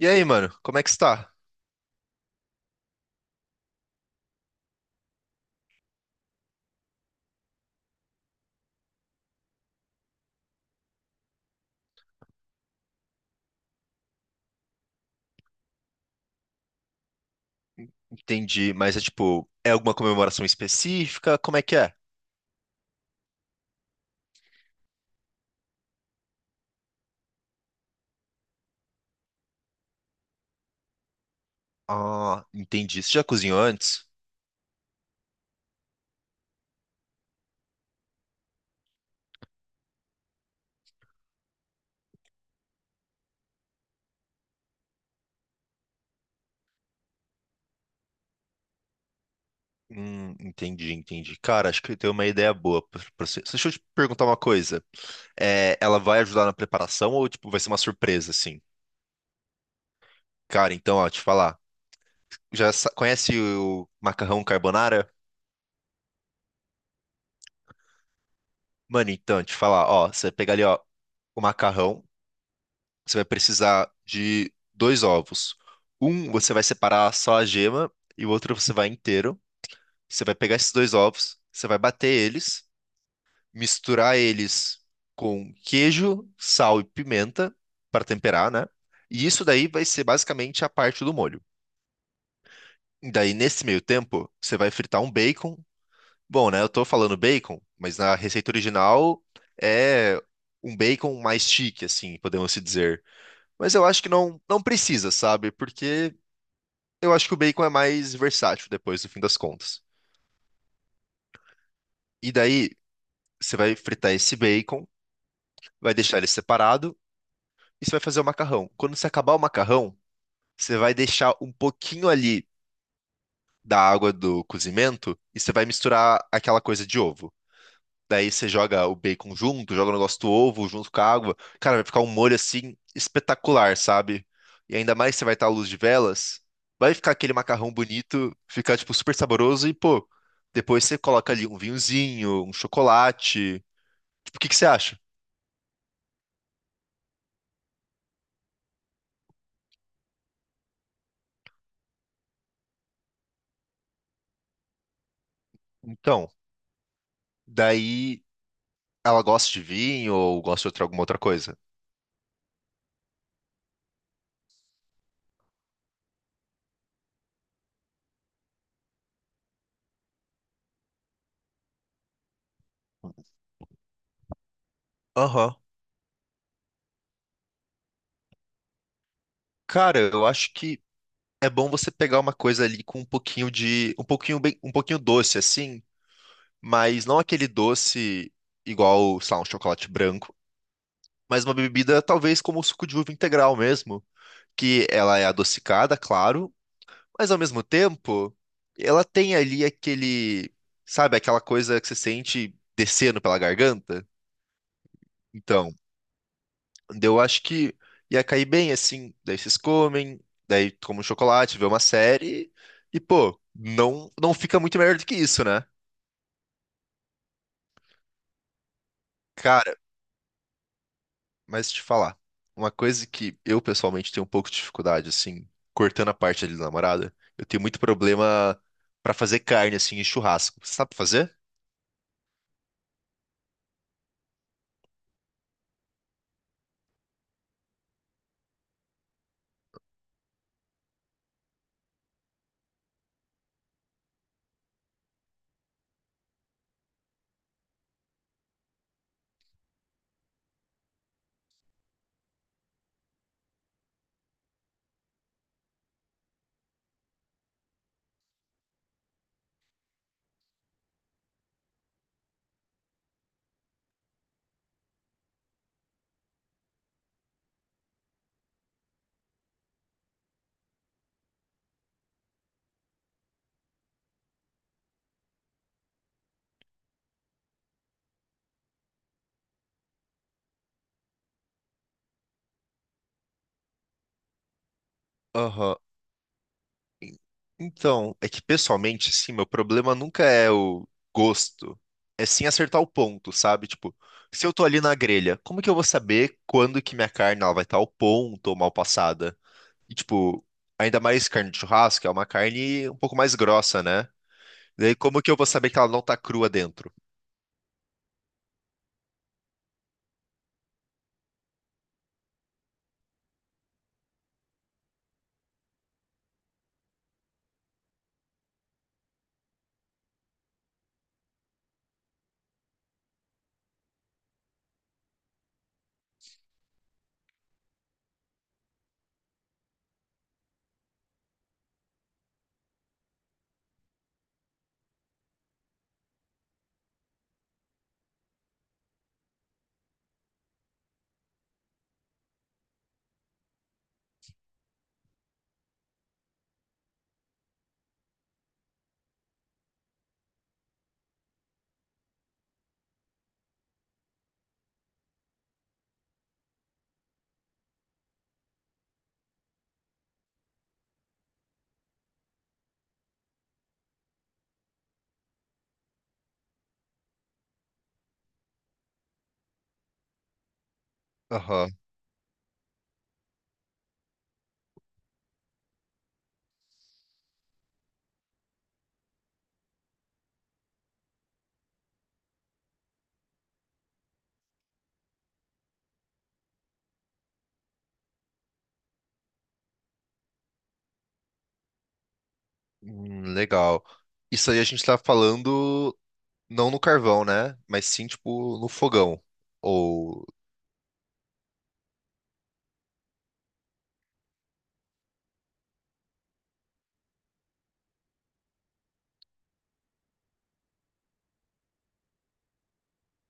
E aí, mano, como é que está? Entendi, mas é tipo, é alguma comemoração específica? Como é que é? Ah, entendi. Você já cozinhou antes? Entendi, entendi. Cara, acho que eu tenho uma ideia boa pra você. Deixa eu te perguntar uma coisa. É, ela vai ajudar na preparação ou tipo, vai ser uma surpresa, assim? Cara, então, ó, te falar. Já conhece o macarrão carbonara? Mano, então, te falar, ó, você pega ali, ó, o macarrão. Você vai precisar de dois ovos. Um você vai separar só a gema e o outro você vai inteiro. Você vai pegar esses dois ovos, você vai bater eles, misturar eles com queijo, sal e pimenta para temperar, né? E isso daí vai ser basicamente a parte do molho. E daí, nesse meio tempo, você vai fritar um bacon. Bom, né? Eu tô falando bacon, mas na receita original é um bacon mais chique, assim, podemos se dizer. Mas eu acho que não, não precisa, sabe? Porque eu acho que o bacon é mais versátil depois, no fim das contas. E daí, você vai fritar esse bacon, vai deixar ele separado e você vai fazer o macarrão. Quando você acabar o macarrão, você vai deixar um pouquinho ali da água do cozimento e você vai misturar aquela coisa de ovo. Daí você joga o bacon junto, joga o negócio do ovo junto com a água. Cara, vai ficar um molho assim espetacular, sabe? E ainda mais que você vai estar à luz de velas, vai ficar aquele macarrão bonito, ficar tipo super saboroso e pô, depois você coloca ali um vinhozinho, um chocolate. Tipo, o que que você acha? Então, daí ela gosta de vinho ou gosta de outra, alguma outra coisa? Aham. Cara, eu acho que é bom você pegar uma coisa ali com um pouquinho de, um pouquinho bem, um pouquinho doce assim, mas não aquele doce igual, sei lá, um chocolate branco, mas uma bebida talvez como o suco de uva integral mesmo, que ela é adocicada, claro, mas ao mesmo tempo ela tem ali aquele, sabe, aquela coisa que você sente descendo pela garganta. Então, daí eu acho que ia cair bem assim, daí vocês comem, daí toma um chocolate, vê uma série e pô, não não fica muito melhor do que isso, né? Cara, mas te falar, uma coisa que eu pessoalmente tenho um pouco de dificuldade, assim, cortando a parte ali da namorada, eu tenho muito problema pra fazer carne, assim, em churrasco. Você sabe fazer? Aham. Então, é que pessoalmente, assim, meu problema nunca é o gosto, é sim acertar o ponto, sabe? Tipo, se eu tô ali na grelha, como que eu vou saber quando que minha carne ela vai estar ao ponto ou mal passada? E, tipo, ainda mais carne de churrasco, é uma carne um pouco mais grossa, né? Daí, como que eu vou saber que ela não tá crua dentro? Aham. Legal. Isso aí a gente tá falando não no carvão, né? Mas sim, tipo, no fogão. Ou,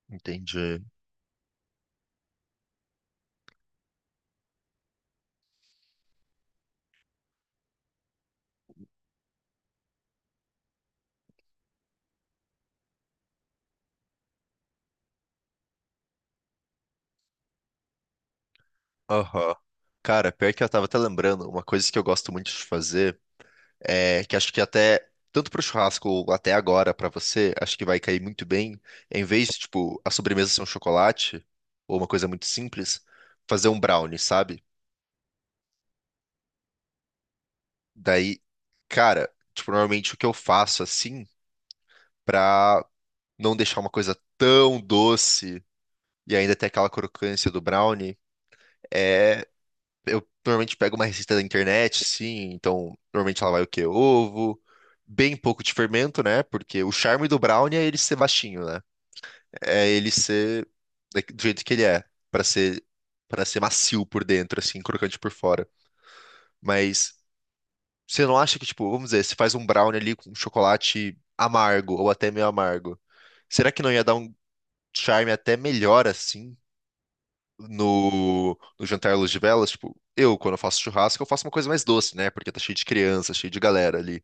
Entendi. Aham. Cara, pior que eu tava até lembrando, uma coisa que eu gosto muito de fazer é que acho que até, tanto pro churrasco ou até agora pra você, acho que vai cair muito bem, em vez de, tipo, a sobremesa ser um chocolate, ou uma coisa muito simples, fazer um brownie, sabe? Daí, cara, tipo, normalmente o que eu faço assim. Pra não deixar uma coisa tão doce e ainda ter aquela crocância do brownie, é. Eu normalmente pego uma receita da internet, sim, então normalmente ela vai o quê? Ovo, bem pouco de fermento, né? Porque o charme do brownie é ele ser baixinho, né? É ele ser do jeito que ele é, pra ser para ser macio por dentro, assim, crocante por fora. Mas você não acha que, tipo, vamos dizer, você faz um brownie ali com chocolate amargo ou até meio amargo, será que não ia dar um charme até melhor assim? no, no jantar à luz de velas, tipo, eu, quando eu faço churrasco, eu faço uma coisa mais doce, né? Porque tá cheio de criança, cheio de galera ali.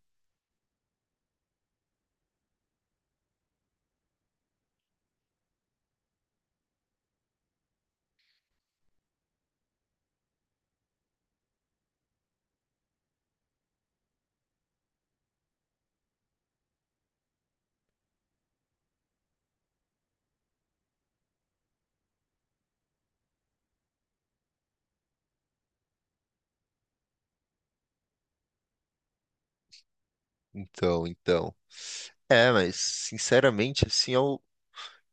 Então, então. É, mas, sinceramente, assim, eu,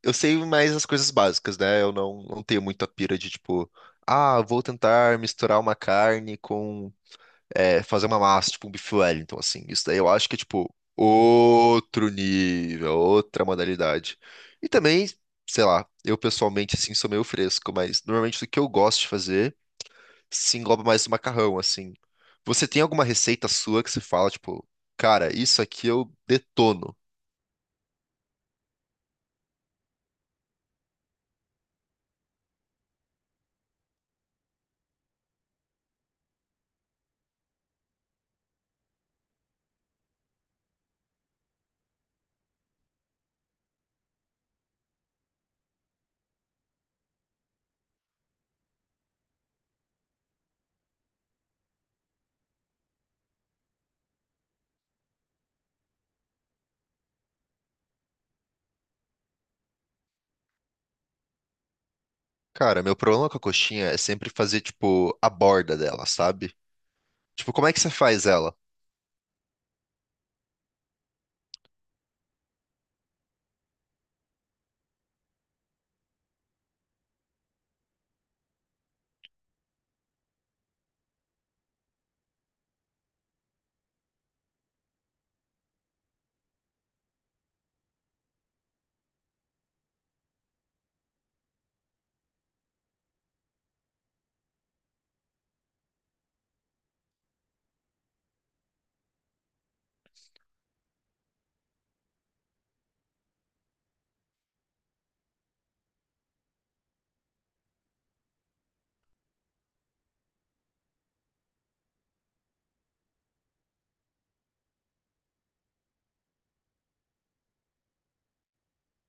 eu sei mais as coisas básicas, né? Eu não, não tenho muita pira de, tipo, ah, vou tentar misturar uma carne com, fazer uma massa, tipo um bife Wellington, assim. Isso daí eu acho que é, tipo, outro nível, outra modalidade. E também, sei lá, eu pessoalmente, assim, sou meio fresco, mas normalmente o que eu gosto de fazer se engloba mais o macarrão, assim. Você tem alguma receita sua que você fala, tipo, cara, isso aqui eu detono. Cara, meu problema com a coxinha é sempre fazer, tipo, a borda dela, sabe? Tipo, como é que você faz ela?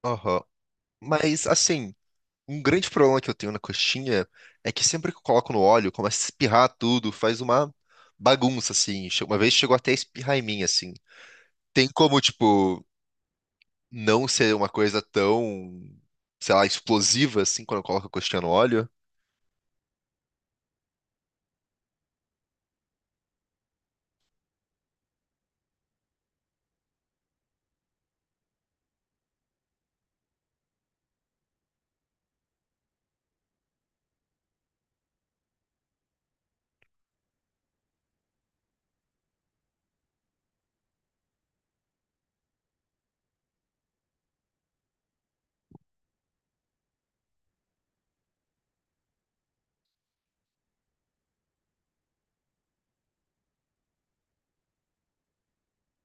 Aham. Mas, assim, um grande problema que eu tenho na coxinha é que sempre que eu coloco no óleo, começa a espirrar tudo, faz uma bagunça, assim. Uma vez chegou até a espirrar em mim, assim. Tem como, tipo, não ser uma coisa tão, sei lá, explosiva, assim, quando eu coloco a coxinha no óleo?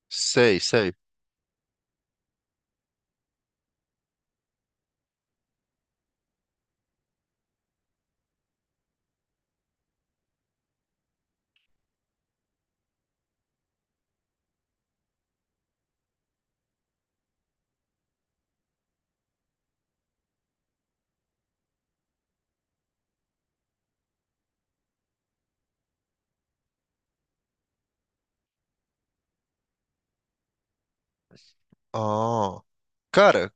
Sei, sei. Ah, cara,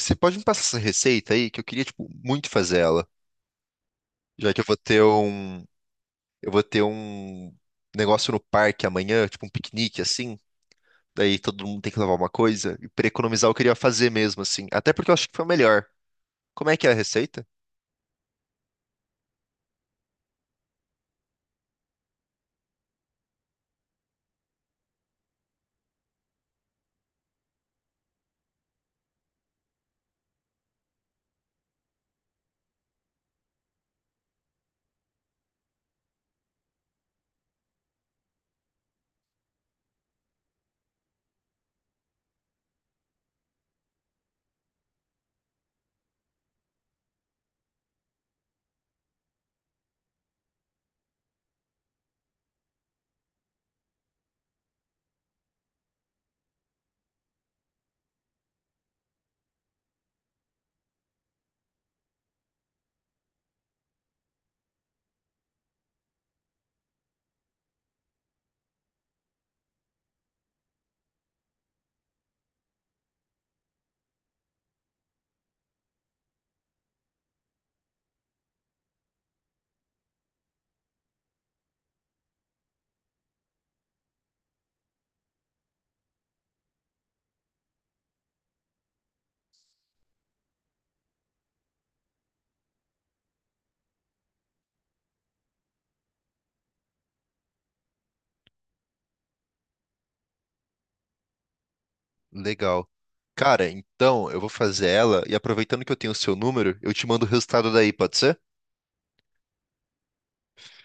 você pode me passar essa receita aí que eu queria, tipo, muito fazer ela. Já que eu vou ter um negócio no parque amanhã, tipo um piquenique assim. Daí todo mundo tem que levar uma coisa. E pra economizar, eu queria fazer mesmo assim. Até porque eu acho que foi o melhor. Como é que é a receita? Legal. Cara, então eu vou fazer ela e aproveitando que eu tenho o seu número, eu te mando o resultado daí, pode ser?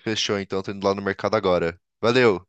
Fechou, então, tô indo lá no mercado agora. Valeu!